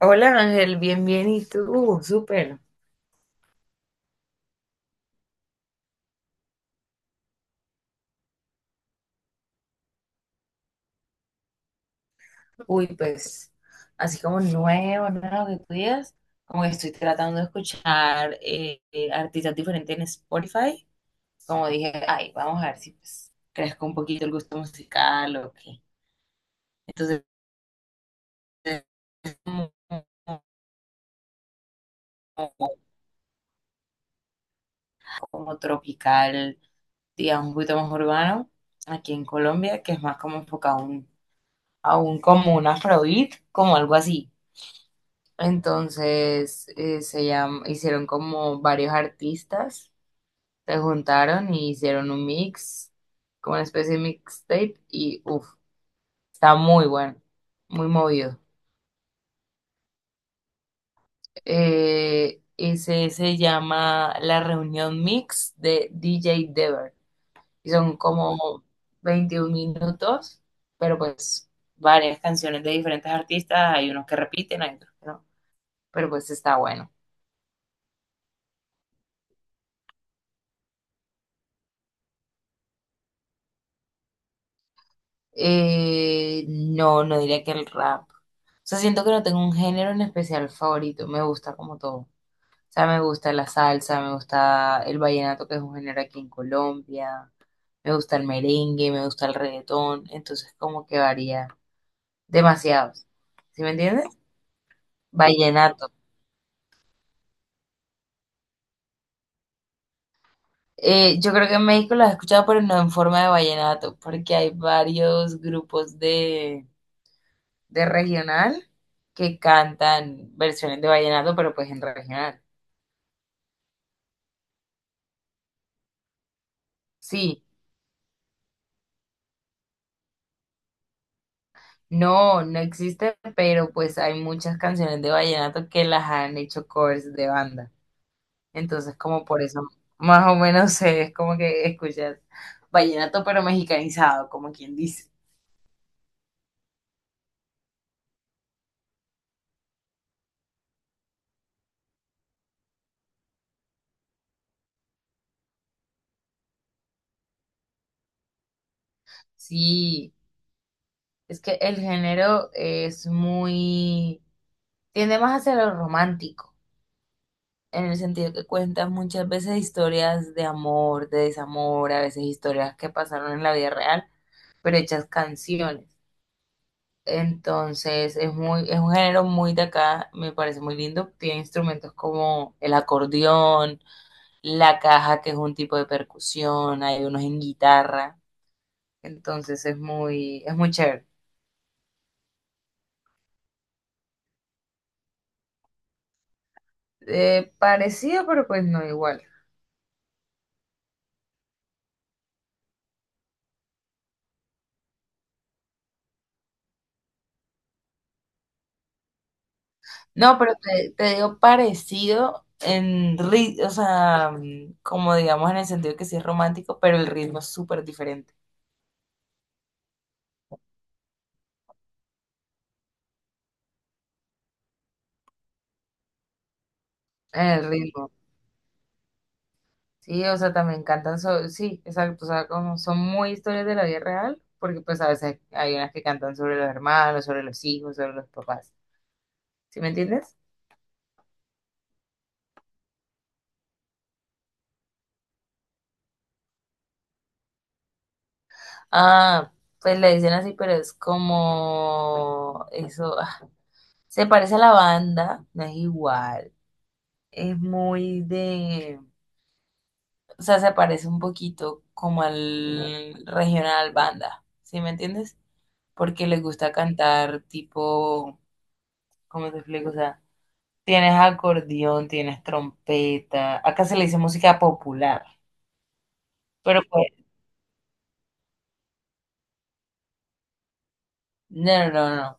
Hola Ángel, bien, bien, ¿y tú? Súper. Uy, pues, así como nuevo, nuevo que tú digas, como que estoy tratando de escuchar artistas diferentes en Spotify. Como dije, ay, vamos a ver si pues crezco un poquito el gusto musical o qué. Entonces, es como, como- como tropical, digamos, un poquito más urbano aquí en Colombia, que es más como enfocado a un como un afrobeat, como algo así. Entonces hicieron como varios artistas, se juntaron y hicieron un mix, como una especie de mixtape, y uff, está muy bueno, muy movido. Ese se llama La Reunión Mix de DJ Dever, y son como 21 minutos, pero pues varias canciones de diferentes artistas, hay unos que repiten, hay otros que no, pero pues está bueno. No, no diría que el rap. O sea, siento que no tengo un género en especial favorito. Me gusta como todo. O sea, me gusta la salsa, me gusta el vallenato, que es un género aquí en Colombia. Me gusta el merengue, me gusta el reggaetón. Entonces, como que varía demasiado. ¿Sí me entiendes? Vallenato. Yo creo que en México lo has escuchado, pero no en forma de vallenato, porque hay varios grupos de regional que cantan versiones de vallenato, pero pues en regional. Sí, no, no existe, pero pues hay muchas canciones de vallenato que las han hecho covers de banda. Entonces, como por eso, más o menos sé, es como que escuchas vallenato pero mexicanizado, como quien dice. Sí, es que el género es muy, tiende más hacia lo romántico, en el sentido que cuentas muchas veces historias de amor, de desamor, a veces historias que pasaron en la vida real, pero hechas canciones. Entonces es muy, es un género muy de acá, me parece muy lindo. Tiene instrumentos como el acordeón, la caja, que es un tipo de percusión, hay unos en guitarra. Entonces es muy chévere. Parecido, pero pues no igual. No, pero te digo parecido en ritmo, o sea, mm, como digamos en el sentido que sí es romántico, pero el ritmo es súper diferente. El ritmo. Sí, o sea, también cantan, sí, exacto, o sea, como son muy historias de la vida real, porque pues a veces hay unas que cantan sobre los hermanos, sobre los hijos, sobre los papás, ¿sí me entiendes? Ah, pues le dicen así, pero es como eso, ah, se parece a la banda, no es igual, es muy de, o sea, se parece un poquito como al regional banda, ¿sí me entiendes? Porque les gusta cantar tipo, ¿cómo te explico? O sea, tienes acordeón, tienes trompeta. Acá se le dice música popular. Pero pues, no, no, no. No.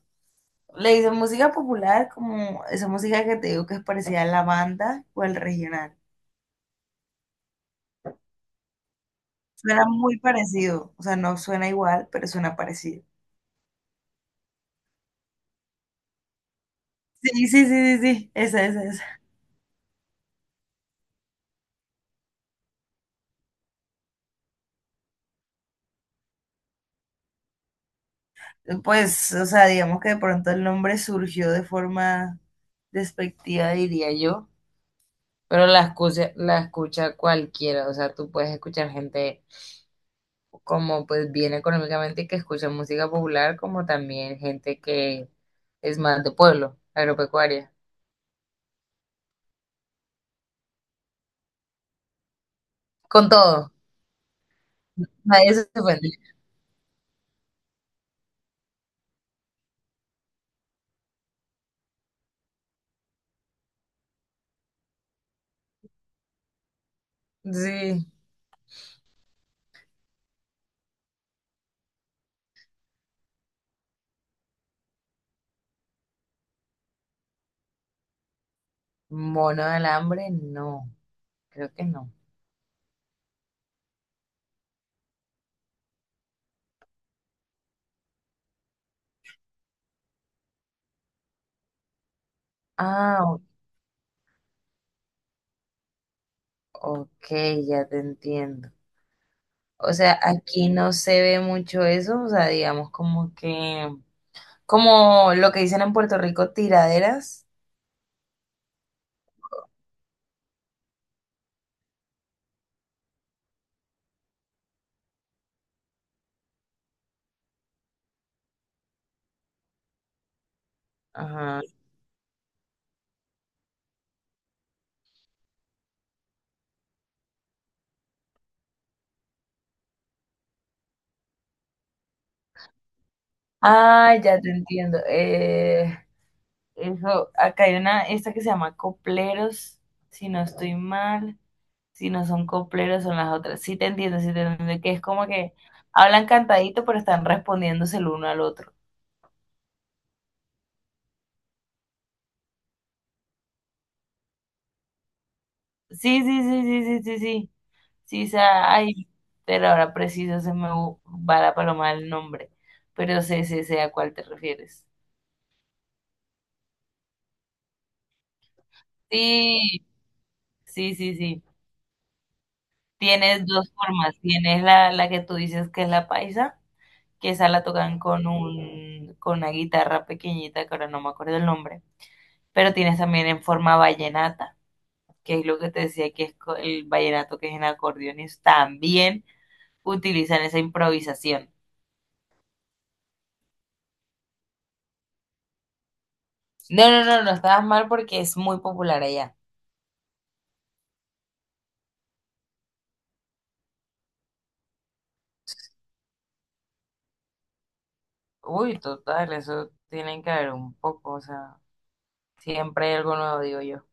Le dicen música popular como esa música que te digo que es parecida a la banda o al regional. Suena muy parecido. O sea, no suena igual, pero suena parecido. Sí, sí, sí, sí, sí. Esa, esa, esa. Pues, o sea, digamos que de pronto el nombre surgió de forma despectiva, diría yo. Pero la escucha cualquiera. O sea, tú puedes escuchar gente como pues bien económicamente y que escuchan música popular, como también gente que es más de pueblo, agropecuaria. Con todo, nadie se ofende. Sí, mono del hambre, no, creo que no. Ah, ok, ya te entiendo. O sea, aquí no se ve mucho eso, o sea, digamos como que, como lo que dicen en Puerto Rico, tiraderas. Ajá. Ah, ya te entiendo. Eso, acá hay una, esta que se llama copleros, si no estoy mal, si no son copleros son las otras. Sí te entiendo, que es como que hablan cantadito pero están respondiéndose el uno al otro. Sí, sí, sí, sí, sí, sí, sí, sí, o sea, ay, pero ahora preciso va la paloma el nombre, pero sé, sé, sé a cuál te refieres. Sí, sí, sí, sí. Tienes dos formas, tienes la que tú dices que es la paisa que esa la tocan con con una guitarra pequeñita, que ahora no me acuerdo el nombre, pero tienes también en forma vallenata, que es lo que te decía que es el vallenato que es en acordeones, también utilizan esa improvisación. No, no, no, no estabas mal porque es muy popular allá. Uy, total, eso tienen que ver un poco, o sea, siempre hay algo nuevo, digo yo.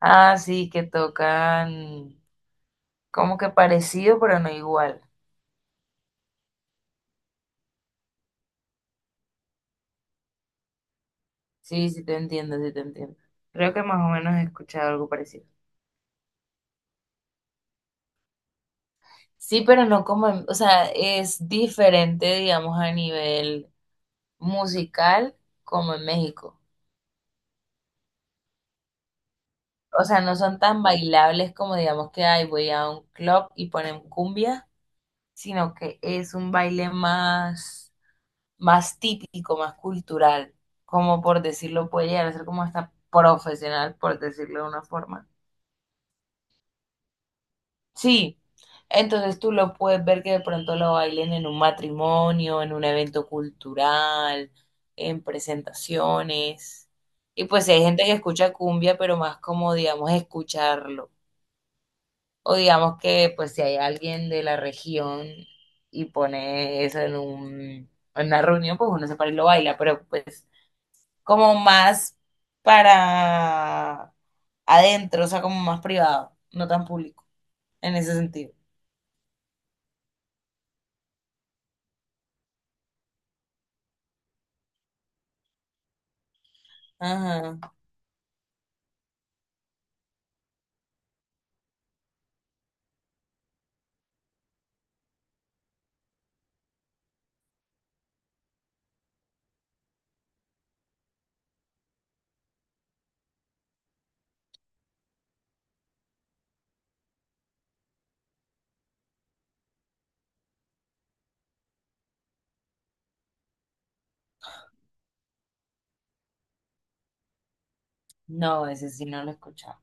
Ah, sí, que tocan como que parecido, pero no igual. Sí, sí te entiendo, sí te entiendo. Creo que más o menos he escuchado algo parecido. Sí, pero no como, o sea, es diferente, digamos, a nivel musical como en México. O sea, no son tan bailables como, digamos, que ay, voy a un club y ponen cumbia, sino que es un baile más, más típico, más cultural, como por decirlo, puede llegar a ser como hasta profesional, por decirlo de una forma. Sí, entonces tú lo puedes ver que de pronto lo bailen en un matrimonio, en un evento cultural, en presentaciones. Y pues si hay gente que escucha cumbia, pero más como, digamos, escucharlo. O digamos que pues si hay alguien de la región y pone eso en un, en una reunión, pues uno se para y lo baila, pero pues como más para adentro, o sea, como más privado, no tan público, en ese sentido. Ajá. No, ese sí no lo he escuchado.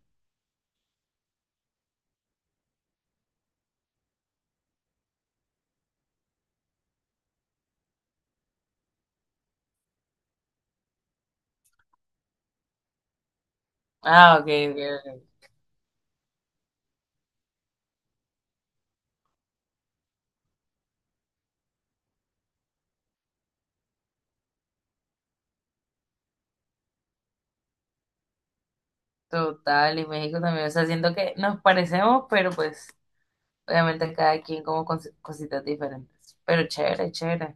Ah, ok, ok, ok. Total, y México también. O sea, siento que nos parecemos, pero pues obviamente cada quien como con cositas diferentes. Pero chévere, chévere.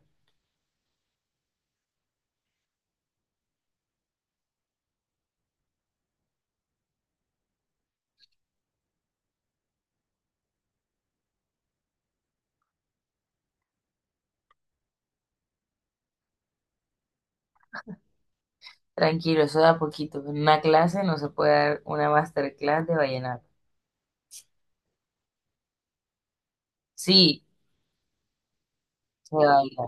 Tranquilo, eso da poquito. En una clase no se puede dar una masterclass de vallenato. Sí, se baila.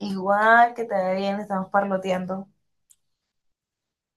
Igual que te ve bien, estamos parloteando.